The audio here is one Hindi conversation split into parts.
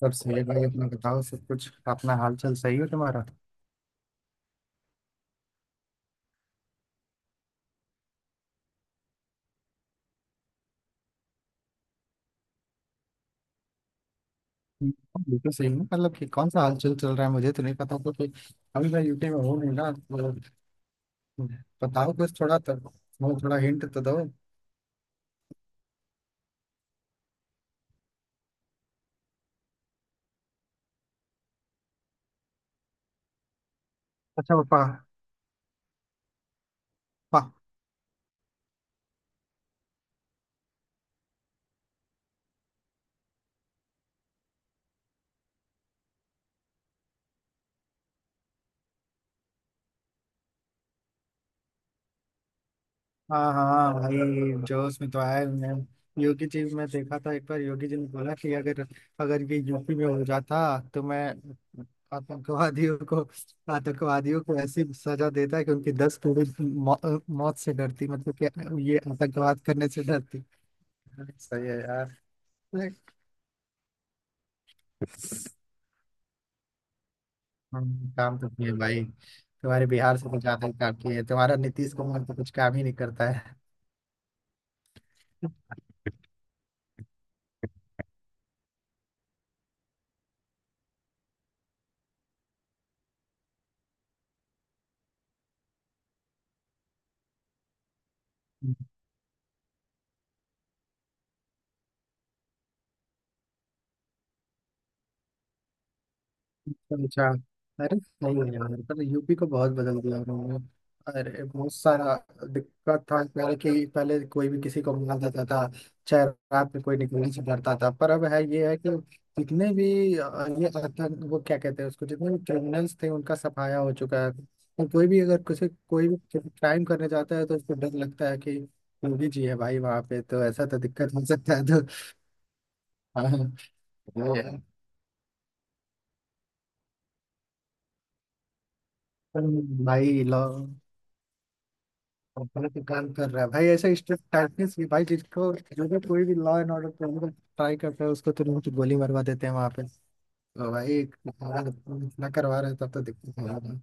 सब सही है भाई। अपना बताओ, सब कुछ अपना हाल चाल सही हो तुम्हारा? हाँ, बिल्कुल सही है। मतलब कि कौन सा हाल चाल चल रहा है मुझे तो नहीं पता, क्योंकि अभी मैं यूपी में हूँ नहीं ना, तो बताओ कुछ थोड़ा तो, वो थोड़ा हिंट तो दो। अच्छा वो पा, पा, हाँ हाँ भाई, जोश में तो आया मैं। योगी जी में देखा था एक बार, योगी जी ने बोला कि अगर अगर ये यूपी में हो जाता तो मैं आतंकवादियों को आतंकवादियों को ऐसी सजा देता है कि उनकी 10 पीढ़ी मौत से डरती। मतलब कि ये आतंकवाद करने से डरती। सही है यार। हम, काम तो किए भाई। तुम्हारे बिहार से तो ज्यादा ही काम किए। तुम्हारा नीतीश कुमार तो कुछ काम ही नहीं करता है। अच्छा अच्छा। अरे सही है यार, पर यूपी को बहुत बदल दिया उन्होंने। अरे बहुत सारा दिक्कत था पहले कि पहले कोई भी किसी को मार देता था, चाहे रात में कोई निकलने से डरता था। पर अब है ये है कि जितने भी ये आतंक वो क्या कहते हैं उसको, जितने भी क्रिमिनल्स थे उनका सफाया हो चुका है। और कोई भी अगर किसी कोई भी क्राइम करने जाता है तो उसको डर लगता है कि योगी जी है भाई वहाँ पे, तो ऐसा तो दिक्कत हो सकता है तो। हाँ, वो है। पर भाई लॉ और गलत काम कर रहा है भाई, ऐसा स्ट्रिक्ट टाइटनेस भी भाई। जिसको जो भी कोई भी law and order problem try करता है उसको तुरंत गोली मरवा देते हैं वहां पे। तो भाई इतना इतना करवा रहे हैं, तब तो दिक्कत है यार।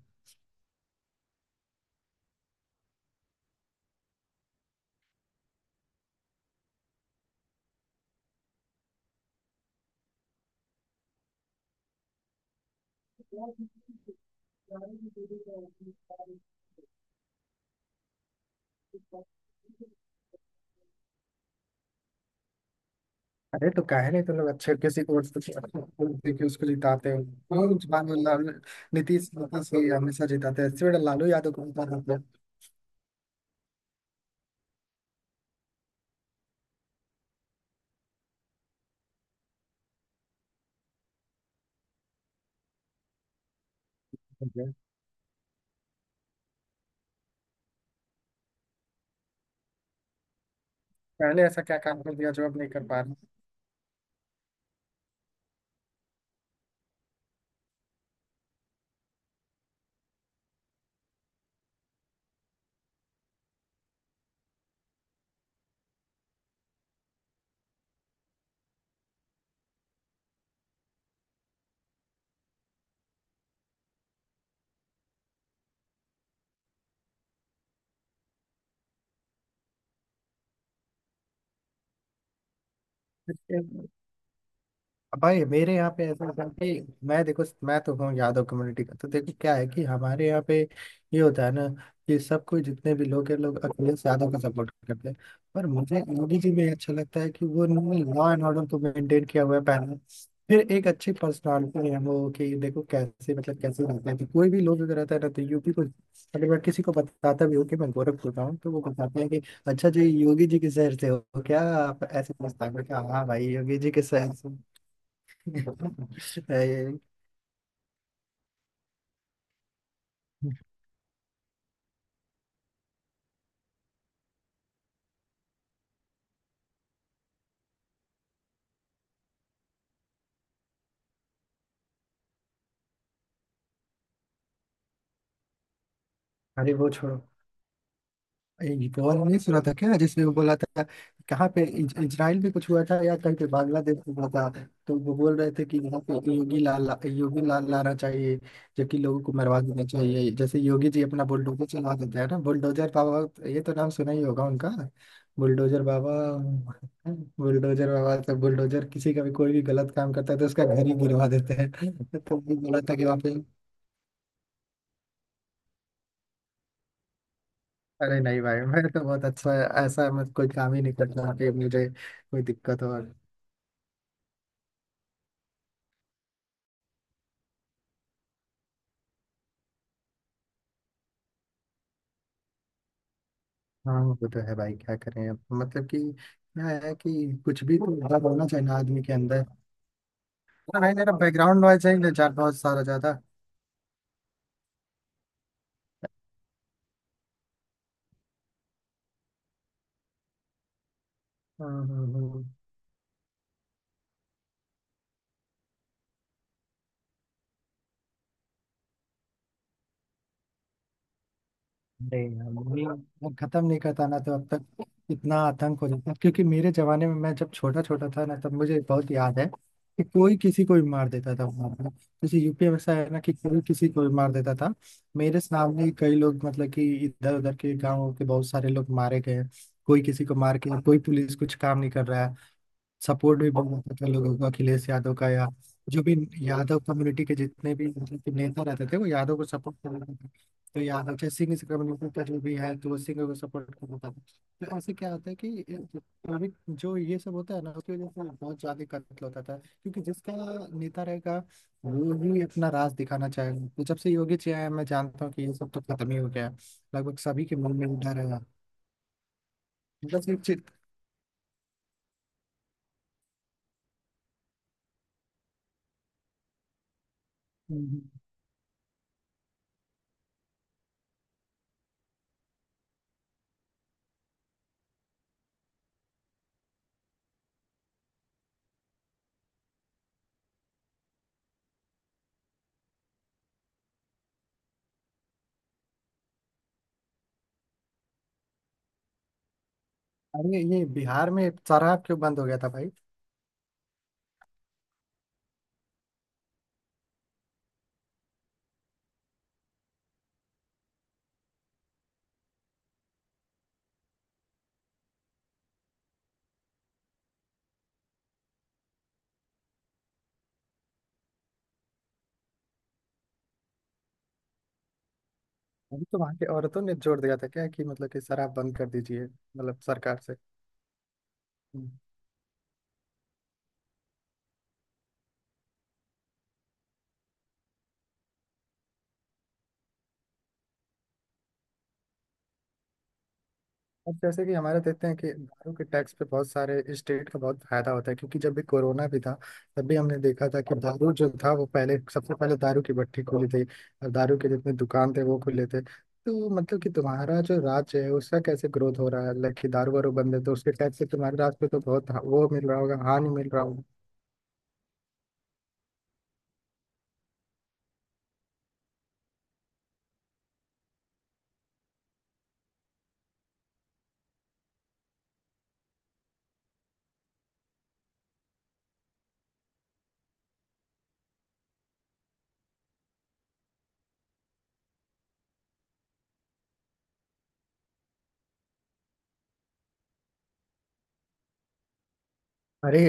अरे तो काहे नहीं तुम लोग अच्छे किसी कोर्स को देखिए उसको जिताते हो, क्यों जुबान में लाल नीतीश नीतीश ही हमेशा जिताते हैं? इससे बड़ा लालू यादव को जिता देते हैं। पहले ऐसा क्या काम कर दिया जो अब नहीं कर पा रहे? भाई मेरे यहाँ पे ऐसा था कि मैं देखो, मैं तो हूँ यादव कम्युनिटी का, तो देखो क्या है कि हमारे यहाँ पे ये होता है ना कि सब कोई, जितने भी लोग हैं लोग अखिलेश यादव का सपोर्ट करते हैं। पर मुझे मोदी जी में अच्छा लगता है कि वो लॉ एंड ऑर्डर को मेंटेन किया हुआ है पहले। फिर एक अच्छी पर्सनालिटी है, वो कि देखो कैसे मतलब कैसे रहते हैं। तो कोई भी लोग अगर रहता है ना तो यूपी को मतलब, अगर मैं किसी को बताता भी हूँ कि मैं गोरखपुर का हूँ, तो वो बताते हैं कि अच्छा जी योगी जी के शहर से हो क्या आप, ऐसे पूछता है। मैं कहा, हाँ हाँ भाई योगी जी के शहर से। ए, अरे वो छोड़ो। एक और नहीं सुना था क्या जिसमें वो बोला था कहाँ पे, इजराइल में कुछ हुआ था या कहीं पे बांग्लादेश में हुआ था। तो वो बोल रहे थे कि यहाँ पे योगी लाल लाना चाहिए, जबकि लोगों को मरवा देना चाहिए जैसे योगी जी अपना बुलडोजर चलवा देते हैं ना। बुलडोजर बाबा, ये तो नाम सुना ही होगा उनका, बुलडोजर बाबा। बुलडोजर बाबा तो बुलडोजर, किसी का भी कोई भी गलत काम करता है तो उसका घर ही गिरवा देते हैं। तो वो बोला था कि वहाँ पे अरे नहीं भाई, मैं तो बहुत अच्छा, ऐसा मत, कोई काम ही नहीं करता कि मुझे कोई दिक्कत हो। हाँ वो तो है भाई, क्या करें अब। मतलब कि क्या है कि कुछ भी तो डर होना चाहिए ना आदमी के अंदर। अरे भाई मेरा बैकग्राउंड नॉइज है ना बहुत सारा ज्यादा। हम्म, हम्म, हम्म। नहीं यार, नहीं, अब खत्म नहीं करता ना तो अब तक इतना आतंक हो जाता। क्योंकि मेरे जमाने में, मैं जब छोटा छोटा था ना, तब मुझे बहुत याद है कि कोई किसी को भी मार देता था वहां पर। जैसे यूपी में ऐसा है ना कि कोई किसी को भी मार देता था। मेरे सामने ही कई लोग, मतलब कि इधर उधर के गाँव के बहुत सारे लोग मारे गए। कोई किसी को मार के, कोई पुलिस कुछ काम नहीं कर रहा है। सपोर्ट भी बहुत अच्छा था लोगों का अखिलेश यादव का, या जो भी यादव कम्युनिटी के जितने भी मतलब कि नेता रहते थे वो यादव को सपोर्ट कर रहे थे। तो यादव, चाहे सिंह कम्युनिटी का जो भी है तो वो सिंह को सपोर्ट कर रहा था। तो ऐसे क्या होता है कि जो ये सब होता है ना उसकी वजह से बहुत ज्यादा कत्ल होता था। क्योंकि जिसका नेता रहेगा, वो ही अपना राज दिखाना चाहेगा। तो जब से योगी जी आए हैं, मैं जानता हूँ कि ये सब तो खत्म ही हो गया है। लगभग सभी के मन में डर है। मतलब सिर्फ चित- हम्म, अरे ये बिहार में शराब क्यों बंद हो गया था भाई? अभी तो वहां की औरतों ने जोर दिया था क्या कि मतलब कि शराब बंद कर दीजिए, मतलब सरकार से। हम्म। अब जैसे कि हमारे देखते हैं कि दारू के टैक्स पे बहुत सारे स्टेट का बहुत फायदा होता है। क्योंकि जब भी कोरोना भी था तब भी हमने देखा था कि दारू जो था वो पहले, सबसे पहले दारू की भट्टी खुली थी और दारू के जितने दुकान थे वो खुले थे। तो मतलब कि तुम्हारा जो राज्य है उसका कैसे ग्रोथ हो रहा है, लाइक कि दारू वारू बंद है तो उसके टैक्स से तुम्हारे राज्य पे तो बहुत वो मिल रहा होगा, हानि मिल रहा। अरे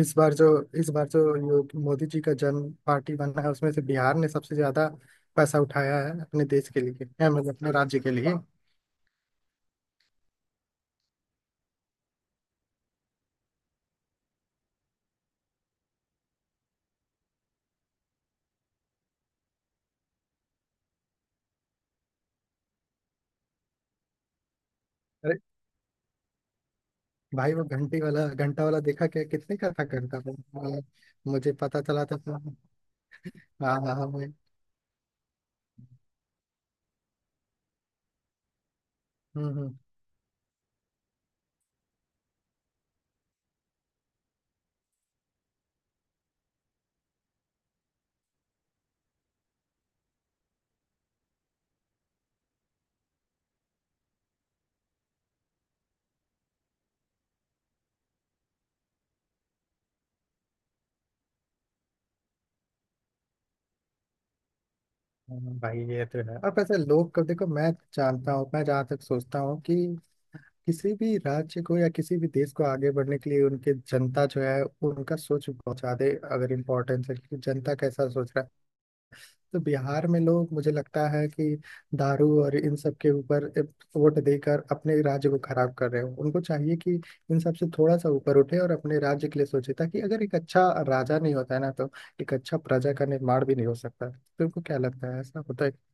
इस बार जो इस बार जो मोदी जी का जन्म पार्टी बना है, उसमें से बिहार ने सबसे ज्यादा पैसा उठाया है अपने देश के लिए है, मतलब अपने राज्य के लिए। अरे भाई वो घंटे वाला घंटा वाला देखा क्या, कितने का था घंटा वो? मुझे पता चला था तो, हाँ हाँ हाँ वही। हम्म। हाँ, भाई ये तो है। और वैसे लोग को देखो, मैं जानता हूँ, मैं जहाँ तक सोचता हूँ कि किसी भी राज्य को या किसी भी देश को आगे बढ़ने के लिए उनके जनता जो है उनका सोच बहुत ज्यादा अगर इम्पोर्टेंस है, कि जनता कैसा सोच रहा है। तो बिहार में लोग मुझे लगता है कि दारू और इन सब के ऊपर वोट देकर अपने राज्य को खराब कर रहे हो। उनको चाहिए कि इन सब से थोड़ा सा ऊपर उठे और अपने राज्य के लिए सोचे, ताकि अगर एक अच्छा राजा नहीं होता है ना तो एक अच्छा प्रजा का निर्माण भी नहीं हो सकता। तुमको क्या लगता है, ऐसा होता है?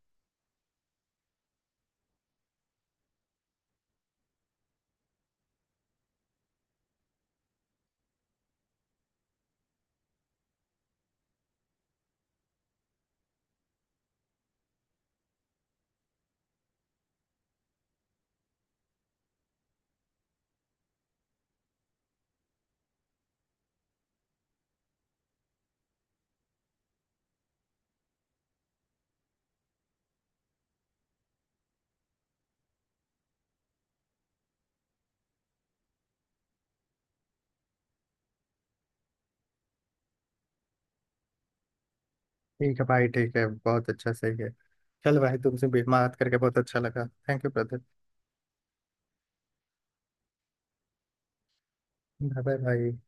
ठीक है भाई, ठीक है, बहुत अच्छा, सही है। चल भाई, तुमसे भी बात करके बहुत अच्छा लगा। Thank you brother. Bye bye भाई।